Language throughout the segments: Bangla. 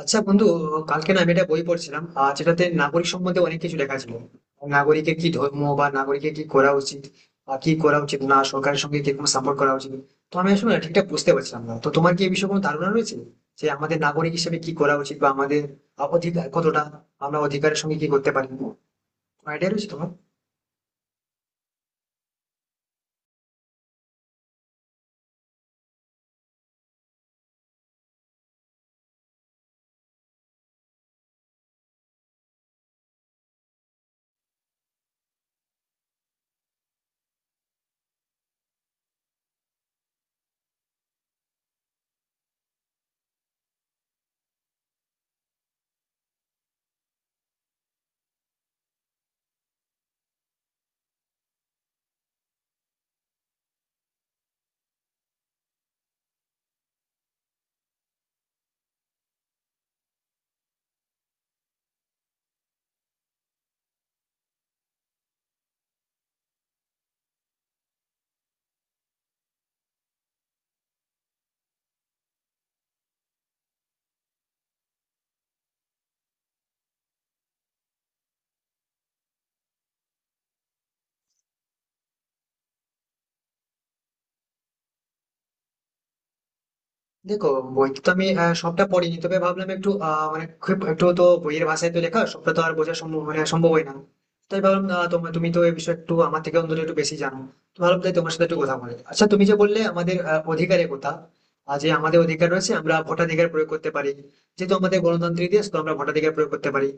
আচ্ছা বন্ধু, কালকে না আমি একটা বই পড়ছিলাম যেটাতে নাগরিক সম্বন্ধে অনেক কিছু লেখা ছিল। নাগরিকের কি ধর্ম, বা নাগরিকের কি করা উচিত বা কি করা উচিত না, সরকারের সঙ্গে কিরকম সাপোর্ট করা উচিত। তো আমি আসলে না ঠিকঠাক বুঝতে পারছিলাম না, তো তোমার কি এই বিষয়ে কোনো ধারণা রয়েছে যে আমাদের নাগরিক হিসেবে কি করা উচিত, বা আমাদের অধিকার কতটা, আমরা অধিকারের সঙ্গে কি করতে পারি? কোনো আইডিয়া রয়েছে তোমার? দেখো, বই তো আমি সবটা পড়িনি, তবে ভাবলাম একটু, মানে খুব একটু তো বইয়ের ভাষায় তো লেখা, সবটা তো আর বোঝা সম্ভব মানে সম্ভব হয় না। তাই ভাবলাম তোমার তুমি তো এই বিষয়ে একটু আমার থেকে অন্তত একটু বেশি জানো, তো ভাবলাম তাই তোমার সাথে একটু কথা বলে। আচ্ছা, তুমি যে বললে আমাদের অধিকারের কথা, যে আমাদের অধিকার রয়েছে, আমরা ভোটাধিকার প্রয়োগ করতে পারি, যেহেতু আমাদের গণতান্ত্রিক দেশ, তো আমরা ভোটাধিকার প্রয়োগ করতে পারি।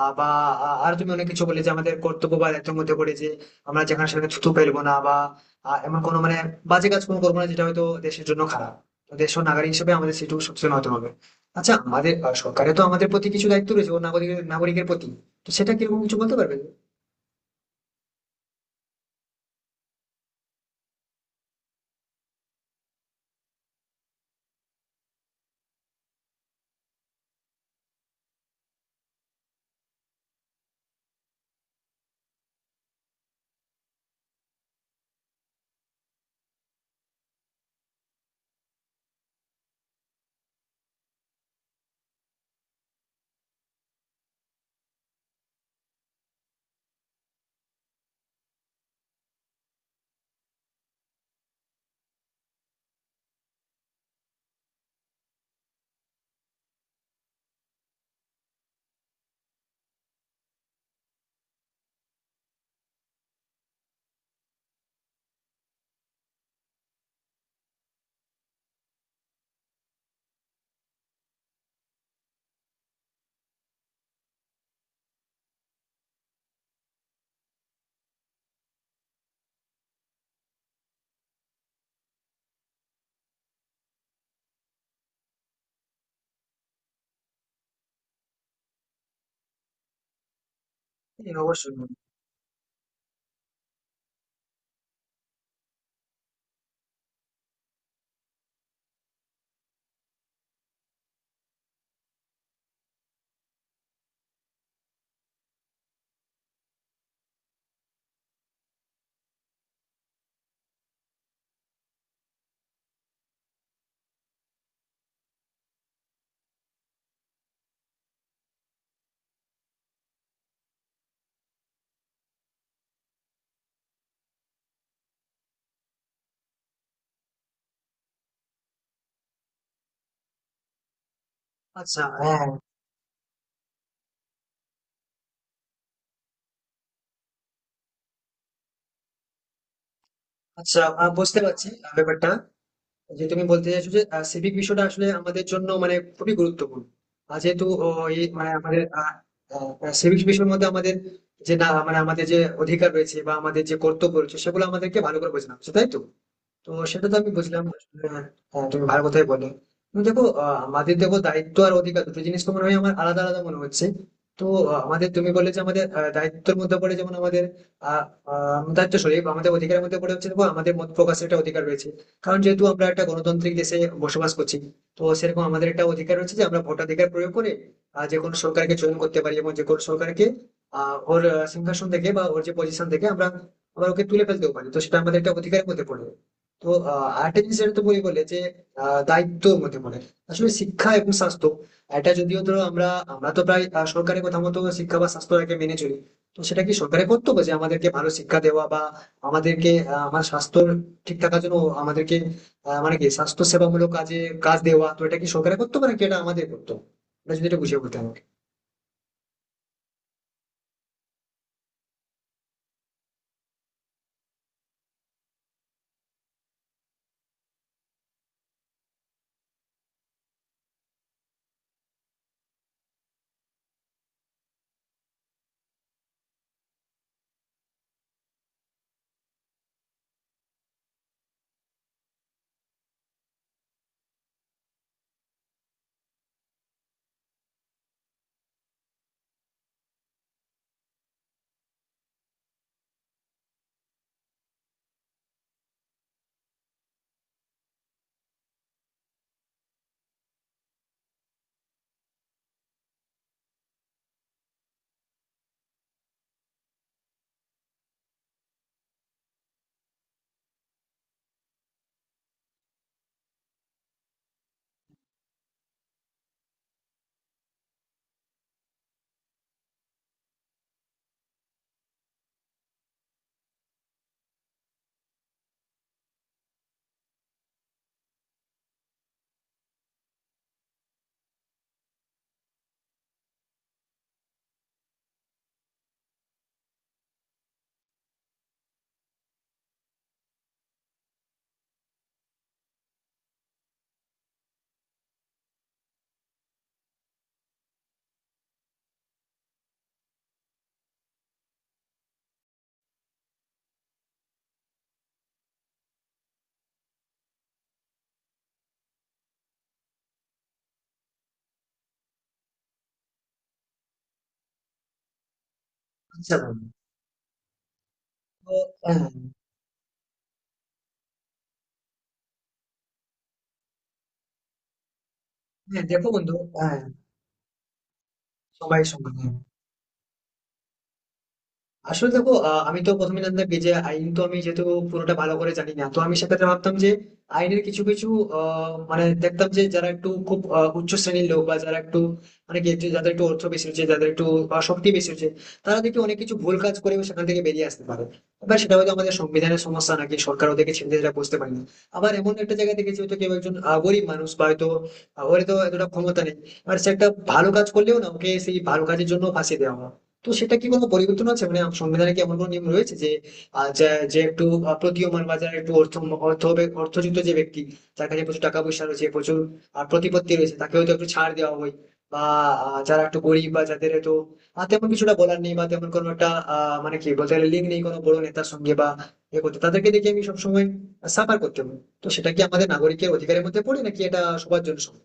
আহ, বা আর তুমি অনেক কিছু বললে যে আমাদের কর্তব্য বা দায়িত্বের মধ্যে পড়ে যে আমরা যেখানে সেখানে থুতু ফেলবো না, বা এমন কোনো মানে বাজে কাজ কোনো করবো না যেটা হয়তো দেশের জন্য খারাপ। তো দেশের নাগরিক হিসেবে আমাদের সেটুকু সচেতন হতে হবে। আচ্ছা, আমাদের সরকারের তো আমাদের প্রতি কিছু দায়িত্ব রয়েছে ও নাগরিকের নাগরিকের প্রতি, তো সেটা কিরকম কিছু বলতে পারবেন? হ্যাঁ, অবশ্যই। আচ্ছা, হ্যাঁ। আচ্ছা, বুঝতে পারছি ব্যাপারটা, যে তুমি বলতে চাইছো যে সিভিক বিষয়টা আসলে আমাদের জন্য মানে খুবই গুরুত্বপূর্ণ। আর যেহেতু এই মানে আমাদের সিভিক বিষয়ের মধ্যে আমাদের যে না মানে আমাদের যে অধিকার রয়েছে বা আমাদের যে কর্তব্য রয়েছে, সেগুলো আমাদেরকে ভালো করে বোঝানো হচ্ছে, তাই তো? তো সেটা তো আমি বুঝলাম, হ্যাঁ, তুমি ভালো কথাই বলে। তুমি দেখো, আমাদের দেখো দায়িত্ব আর অধিকার দুটো জিনিস তো মনে হয় আমার, আলাদা আলাদা মনে হচ্ছে। তো আমাদের তুমি বললে যে আমাদের আহ, দায়িত্বের মধ্যে পড়ে যেমন আমাদের আহ, আহ, দায়িত্ব, সরি, আমাদের অধিকারের মধ্যে পড়ে হচ্ছে, দেখো আমাদের মত প্রকাশের একটা অধিকার রয়েছে, কারণ যেহেতু আমরা একটা গণতান্ত্রিক দেশে বসবাস করছি। তো সেরকম আমাদের একটা অধিকার রয়েছে যে আমরা ভোটাধিকার প্রয়োগ করে যে কোনো সরকারকে চয়ন করতে পারি, এবং যে কোনো সরকারকে ওর সিংহাসন থেকে বা ওর যে পজিশন থেকে আমরা আমরা ওকে তুলে ফেলতেও পারি, তো সেটা আমাদের একটা অধিকারের মধ্যে পড়ে। তো আর্টিফিশিয়াল তো বই বলে যে দায়িত্বর মধ্যে পড়ে আসলে শিক্ষা এবং স্বাস্থ্য। এটা যদিও ধরো আমরা আমরা তো প্রায় সরকারের কথা মতো শিক্ষা বা স্বাস্থ্যটাকে মেনে চলি। তো সেটা কি সরকারের কর্তব্য যে আমাদেরকে ভালো শিক্ষা দেওয়া বা আমাদেরকে আমার স্বাস্থ্য ঠিক থাকার জন্য আমাদেরকে মানে কি স্বাস্থ্য সেবামূলক কাজে কাজ দেওয়া? তো এটা কি সরকারের কর্তব্য নাকি এটা আমাদের কর্তব্য? এটা যদি এটা বুঝিয়ে বলতে আমাকে। আচ্ছা বন্ধু, তো, হ্যাঁ। হ্যাঁ, দেখো বন্ধু, হ্যাঁ, সবাই সমান, হ্যাঁ। আসলে দেখো, আমি তো প্রথমে জানতাম কি যে আইন তো আমি যেহেতু পুরোটা ভালো করে জানি না, তো আমি সেক্ষেত্রে ভাবতাম যে আইনের কিছু কিছু মানে দেখতাম যে যারা একটু খুব উচ্চ শ্রেণীর লোক বা যারা একটু মানে কি যে যাদের একটু অর্থ বেশি হচ্ছে, যাদের একটু শক্তি বেশি হচ্ছে, তারা দেখি অনেক কিছু ভুল কাজ করে সেখান থেকে বেরিয়ে আসতে পারে। এবার সেটা হয়তো আমাদের সংবিধানের সমস্যা নাকি সরকার ওদেরকে ছেড়ে দিতে বুঝতে পারে না। আবার এমন একটা জায়গায় দেখেছি হয়তো কেউ একজন গরিব মানুষ বা হয়তো ওর তো এতটা ক্ষমতা নেই, এবার সে একটা ভালো কাজ করলেও না ওকে সেই ভালো কাজের জন্য ফাঁসিয়ে দেওয়া হয়। তো সেটা কি কোনো পরিবর্তন আছে, মানে সংবিধানে কি এমন কোনো নিয়ম রয়েছে যে যে একটু প্রতীয়মান বা যারা একটু অর্থ অর্থ হবে- অর্থযুক্ত যে ব্যক্তি, যার কাছে প্রচুর টাকা পয়সা রয়েছে, প্রচুর প্রতিপত্তি রয়েছে, তাকে হয়তো একটু ছাড় দেওয়া হয়, বা যারা একটু গরিব বা যাদের হয়তো তেমন কিছুটা বলার নেই বা তেমন কোনো একটা মানে কি বলতে গেলে লিঙ্ক নেই কোনো বড় নেতার সঙ্গে, বা এ করতে তাদেরকে দেখে আমি সবসময় সাফার করতে হবে। তো সেটা কি আমাদের নাগরিকের অধিকারের মধ্যে পড়ে নাকি এটা সবার জন্য সমান?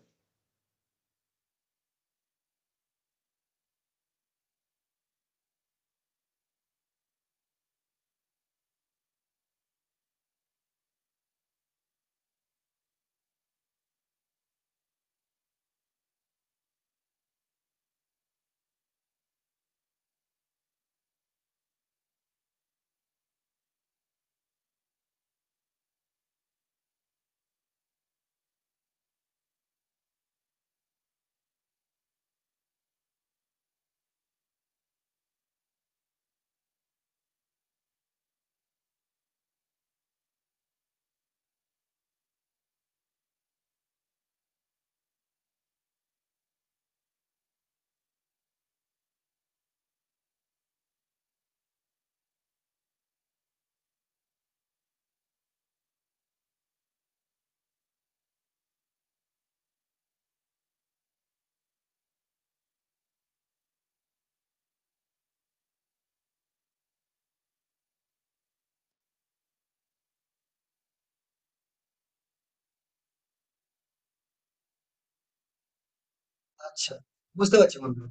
আচ্ছা, বুঝতে পারছি বন্ধু।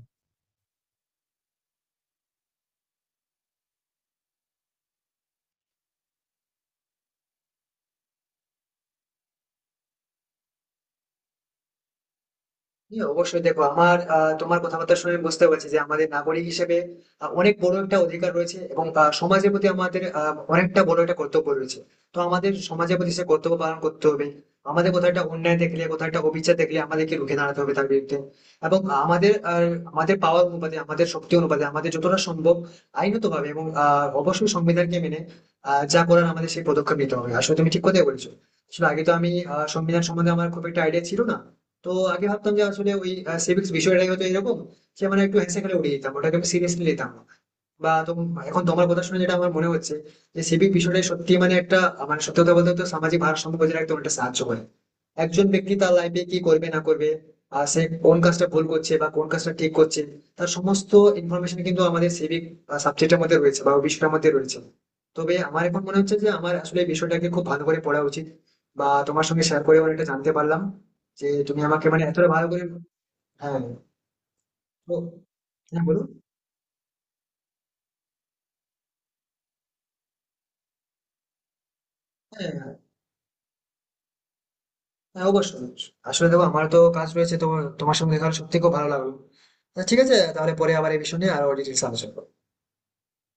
হ্যাঁ, অবশ্যই। দেখো, আমার তোমার কথাবার্তা শুনে আমি বুঝতে পারছি যে আমাদের নাগরিক হিসেবে অনেক বড় একটা অধিকার রয়েছে, এবং সমাজের প্রতি আমাদের অনেকটা বড় একটা কর্তব্য রয়েছে। তো আমাদের সমাজের প্রতি সে কর্তব্য পালন করতে হবে। আমাদের কোথাও একটা অন্যায় দেখলে, কোথাও একটা অবিচার দেখলে আমাদেরকে রুখে দাঁড়াতে হবে তার বিরুদ্ধে, এবং আমাদের আহ, আমাদের পাওয়ার অনুপাতে, আমাদের শক্তি অনুপাতে আমাদের যতটা সম্ভব আইনত ভাবে এবং অবশ্যই সংবিধানকে মেনে যা করার আমাদের সেই পদক্ষেপ নিতে হবে। আসলে তুমি ঠিক কথাই বলেছো। আসলে আগে তো আমি সংবিধান সম্বন্ধে আমার খুব একটা আইডিয়া ছিল না, তো আগে ভাবতাম যে আসলে ওই সিভিক্স বিষয়টাই হয়তো এরকম, যে মানে একটু হেসে খেলে উড়িয়ে দিতাম, ওটাকে আমি সিরিয়াসলি নিতাম না। এখন তোমার কথা শুনে যেটা আমার মনে হচ্ছে যে সিভিক বিষয়টা সত্যি মানে একটা মানে সত্যি কথা বলতে তো সামাজিক ভারসাম্য বজায় রাখতে অনেকটা সাহায্য করে। একজন ব্যক্তি তার লাইফে কি করবে না করবে, আর সে কোন কাজটা ভুল করছে বা কোন কাজটা ঠিক করছে, তার সমস্ত ইনফরমেশন কিন্তু আমাদের সিভিক সাবজেক্টের মধ্যে রয়েছে বা ওই বিষয়টার মধ্যে রয়েছে। তবে আমার এখন মনে হচ্ছে যে আমার আসলে এই বিষয়টাকে খুব ভালো করে পড়া উচিত, বা তোমার সঙ্গে শেয়ার করে অনেকটা জানতে পারলাম যে তুমি আমাকে মানে এতটা ভালো করে। হ্যাঁ। তো হ্যাঁ, বলুন। হ্যাঁ। হ্যাঁ, অবশ্যই, অবশ্যই। আসলে দেখো আমার তো কাজ রয়েছে, তোমার তোমার সঙ্গে দেখা হলে সত্যি খুব ভালো লাগলো। আচ্ছা, ঠিক আছে, তাহলে পরে আবার এই বিষয় নিয়ে আরো ডিটেলস আলোচনা করবো।